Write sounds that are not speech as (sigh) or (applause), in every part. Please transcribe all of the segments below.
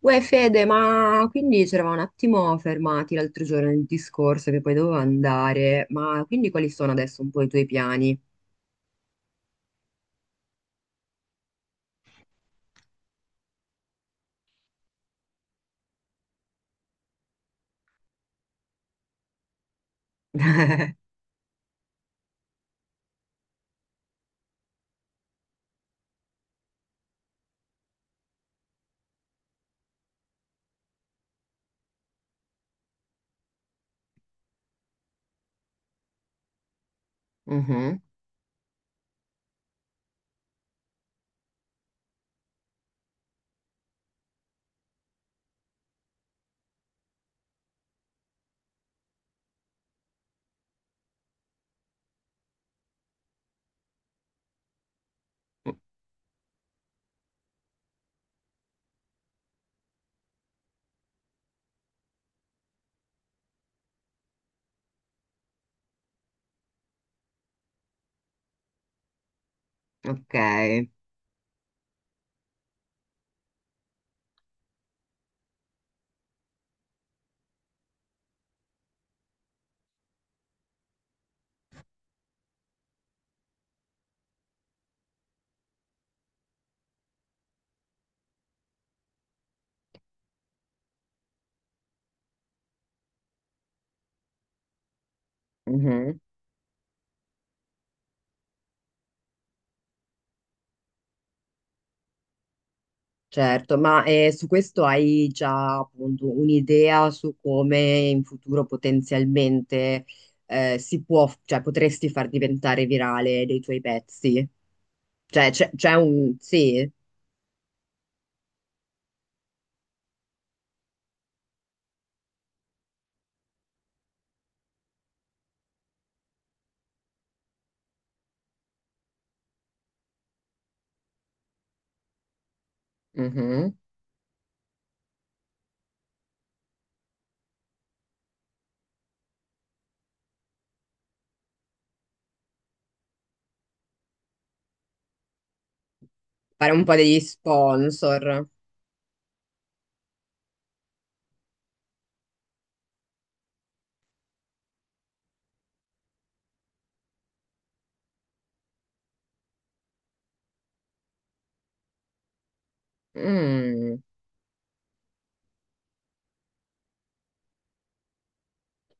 Uè Fede, ma quindi ci eravamo un attimo fermati l'altro giorno nel discorso che poi dovevo andare, ma quindi quali sono adesso un po' i tuoi piani? Mhm. Ok. Mhm. Certo, ma su questo hai già appunto un'idea su come in futuro potenzialmente si può, cioè potresti far diventare virale dei tuoi pezzi? Cioè c'è un sì, mhm. Fare un po' degli sponsor. Mm,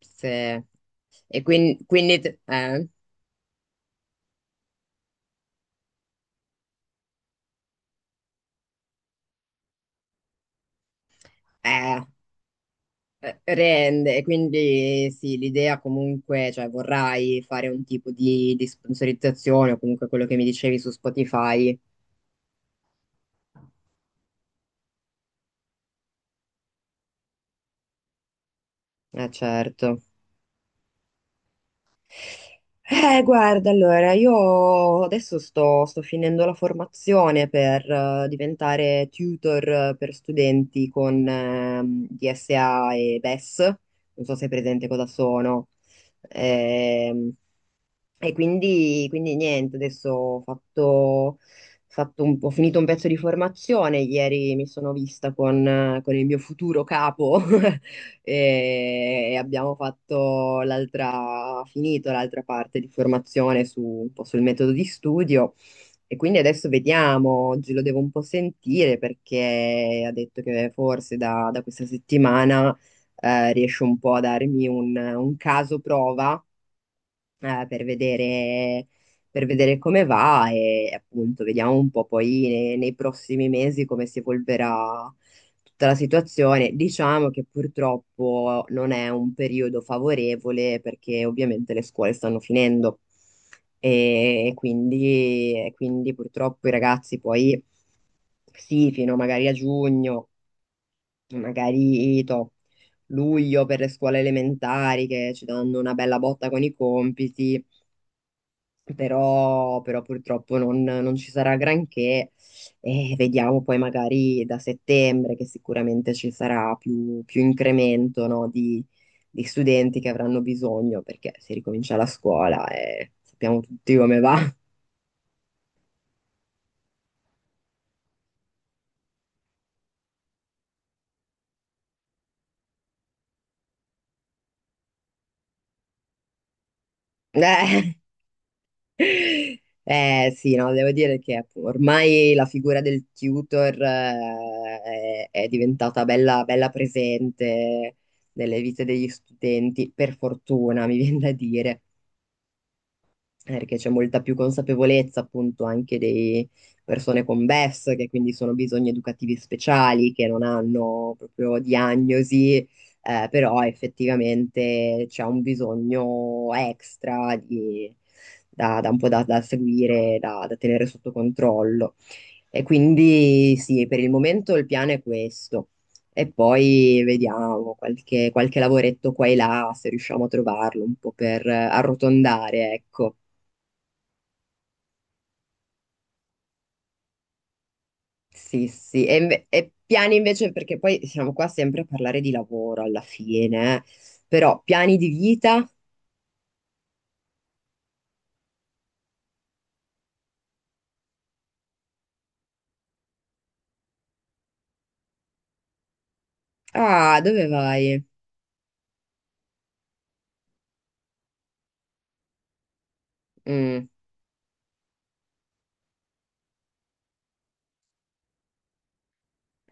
sì. E quindi, eh, rende, e quindi sì, l'idea comunque, cioè vorrai fare un tipo di sponsorizzazione o comunque quello che mi dicevi su Spotify. Certo. Guarda, allora, io adesso sto, sto finendo la formazione per diventare tutor per studenti con DSA e BES. Non so se è presente cosa sono. Ehm, E quindi, quindi niente, adesso ho ho finito un pezzo di formazione, ieri mi sono vista con il mio futuro capo (laughs) e abbiamo fatto l'altra, finito l'altra parte di formazione su, un po' sul metodo di studio e quindi adesso vediamo, oggi lo devo un po' sentire perché ha detto che forse da, da questa settimana riesce un po' a darmi un caso prova eh, per vedere, per vedere come va e appunto vediamo un po' poi nei prossimi mesi come si evolverà tutta la situazione. Diciamo che purtroppo non è un periodo favorevole perché ovviamente le scuole stanno finendo e quindi purtroppo i ragazzi poi sì, fino magari a giugno, magari to- luglio per le scuole elementari che ci danno una bella botta con i compiti però, però purtroppo non, non ci sarà granché e vediamo poi magari da settembre che sicuramente ci sarà più, più incremento, no, di studenti che avranno bisogno perché si ricomincia la scuola e sappiamo tutti come va. (laughs) Eh. Sì, no, devo dire che ormai la figura del tutor è diventata bella, bella presente nelle vite degli studenti, per fortuna, mi viene da dire. Eh, perché c'è molta più consapevolezza appunto anche di persone con BES, che quindi sono bisogni educativi speciali, che non hanno proprio diagnosi, però effettivamente c'è un bisogno extra da, da un po' da, da seguire, da, da tenere sotto controllo. E quindi sì, per il momento il piano è questo. E poi vediamo qualche, qualche lavoretto qua e là, se riusciamo a trovarlo un po' per arrotondare, ecco. Sì, sì, e, e piani invece, perché poi siamo qua sempre a parlare di lavoro alla fine, eh. Però piani di vita? Ah, dove vai? Mm.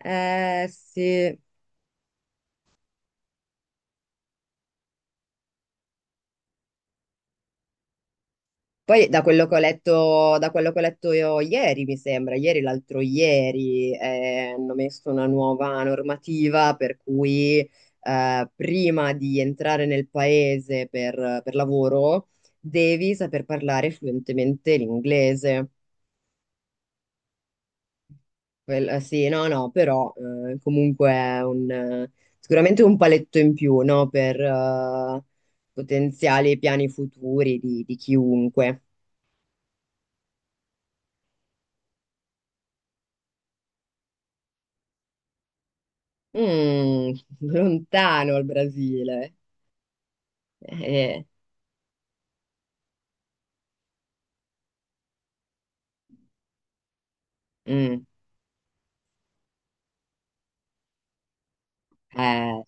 Eh sì. Poi da quello che ho letto, da quello che ho letto io ieri, mi sembra, ieri, l'altro ieri, hanno messo una nuova normativa per cui prima di entrare nel paese per lavoro devi saper parlare fluentemente l'inglese. Sì, no, no, però comunque è un, sicuramente un paletto in più, no, per potenziali piani futuri di chiunque. Mm, (laughs) lontano il Brasile. Eh, eh, mm, eh.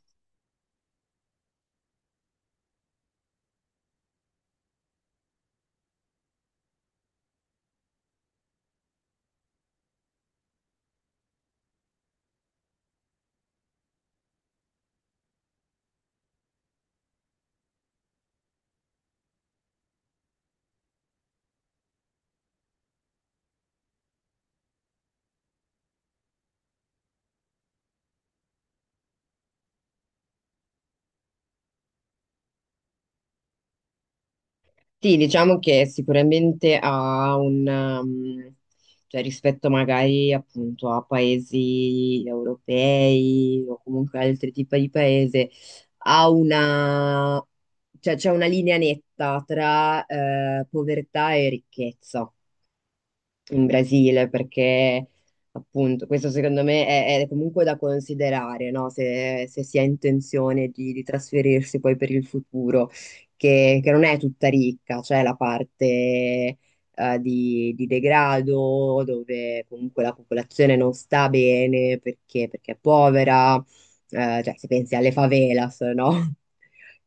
Sì, diciamo che sicuramente ha un, cioè rispetto magari appunto a paesi europei o comunque altri tipi di paese, ha una, cioè c'è una linea netta tra povertà e ricchezza in Brasile, perché appunto questo secondo me è comunque da considerare, no? Se, se si ha intenzione di trasferirsi poi per il futuro, che non è tutta ricca, c'è la parte di degrado dove comunque la popolazione non sta bene perché, perché è povera, cioè se pensi alle favelas, no?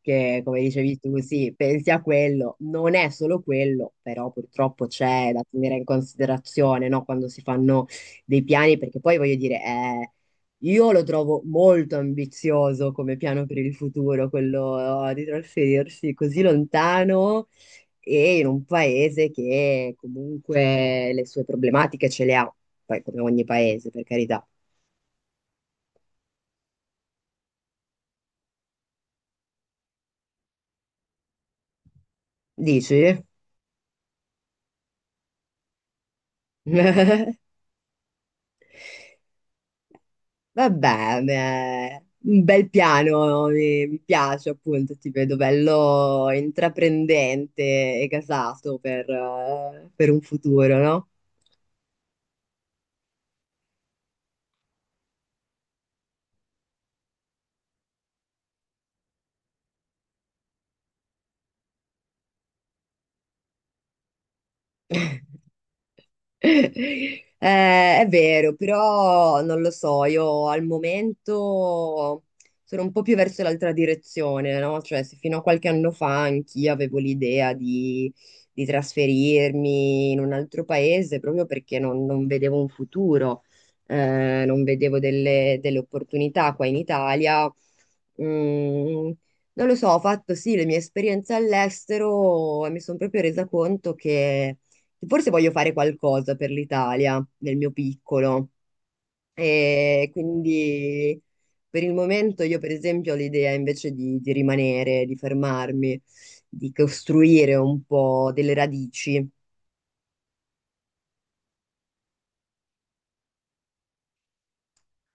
Che come dicevi tu, sì, pensi a quello, non è solo quello, però purtroppo c'è da tenere in considerazione, no? Quando si fanno dei piani, perché poi voglio dire, io lo trovo molto ambizioso come piano per il futuro, quello di trasferirsi così lontano e in un paese che comunque le sue problematiche ce le ha, poi come ogni paese, per carità. Dici? (laughs) Vabbè, beh, un bel piano, mi piace appunto, ti vedo bello intraprendente e gasato per un futuro, no? È vero, però non lo so, io al momento sono un po' più verso l'altra direzione, no? Cioè, se fino a qualche anno fa anch'io avevo l'idea di trasferirmi in un altro paese proprio perché non, non vedevo un futuro, non vedevo delle, delle opportunità qua in Italia. Mm, non lo so, ho fatto sì le mie esperienze all'estero e mi sono proprio resa conto che forse voglio fare qualcosa per l'Italia, nel mio piccolo. E quindi per il momento io, per esempio, ho l'idea invece di rimanere, di fermarmi, di costruire un po' delle radici.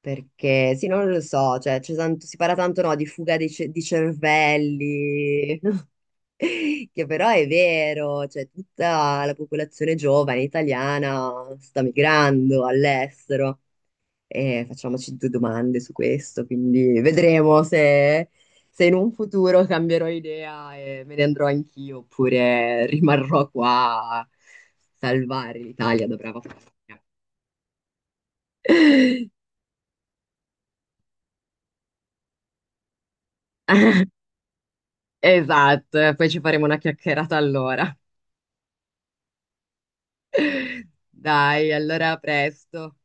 Perché sì, non lo so, cioè, si parla tanto no, di fuga di cervelli, (laughs) che però è vero, cioè, tutta la popolazione giovane italiana sta migrando all'estero. E facciamoci due domande su questo, quindi vedremo se, se in un futuro cambierò idea e me ne andrò anch'io oppure rimarrò qua a salvare l'Italia da brava fortuna. (laughs) Esatto, e poi ci faremo una chiacchierata allora. Dai, allora a presto.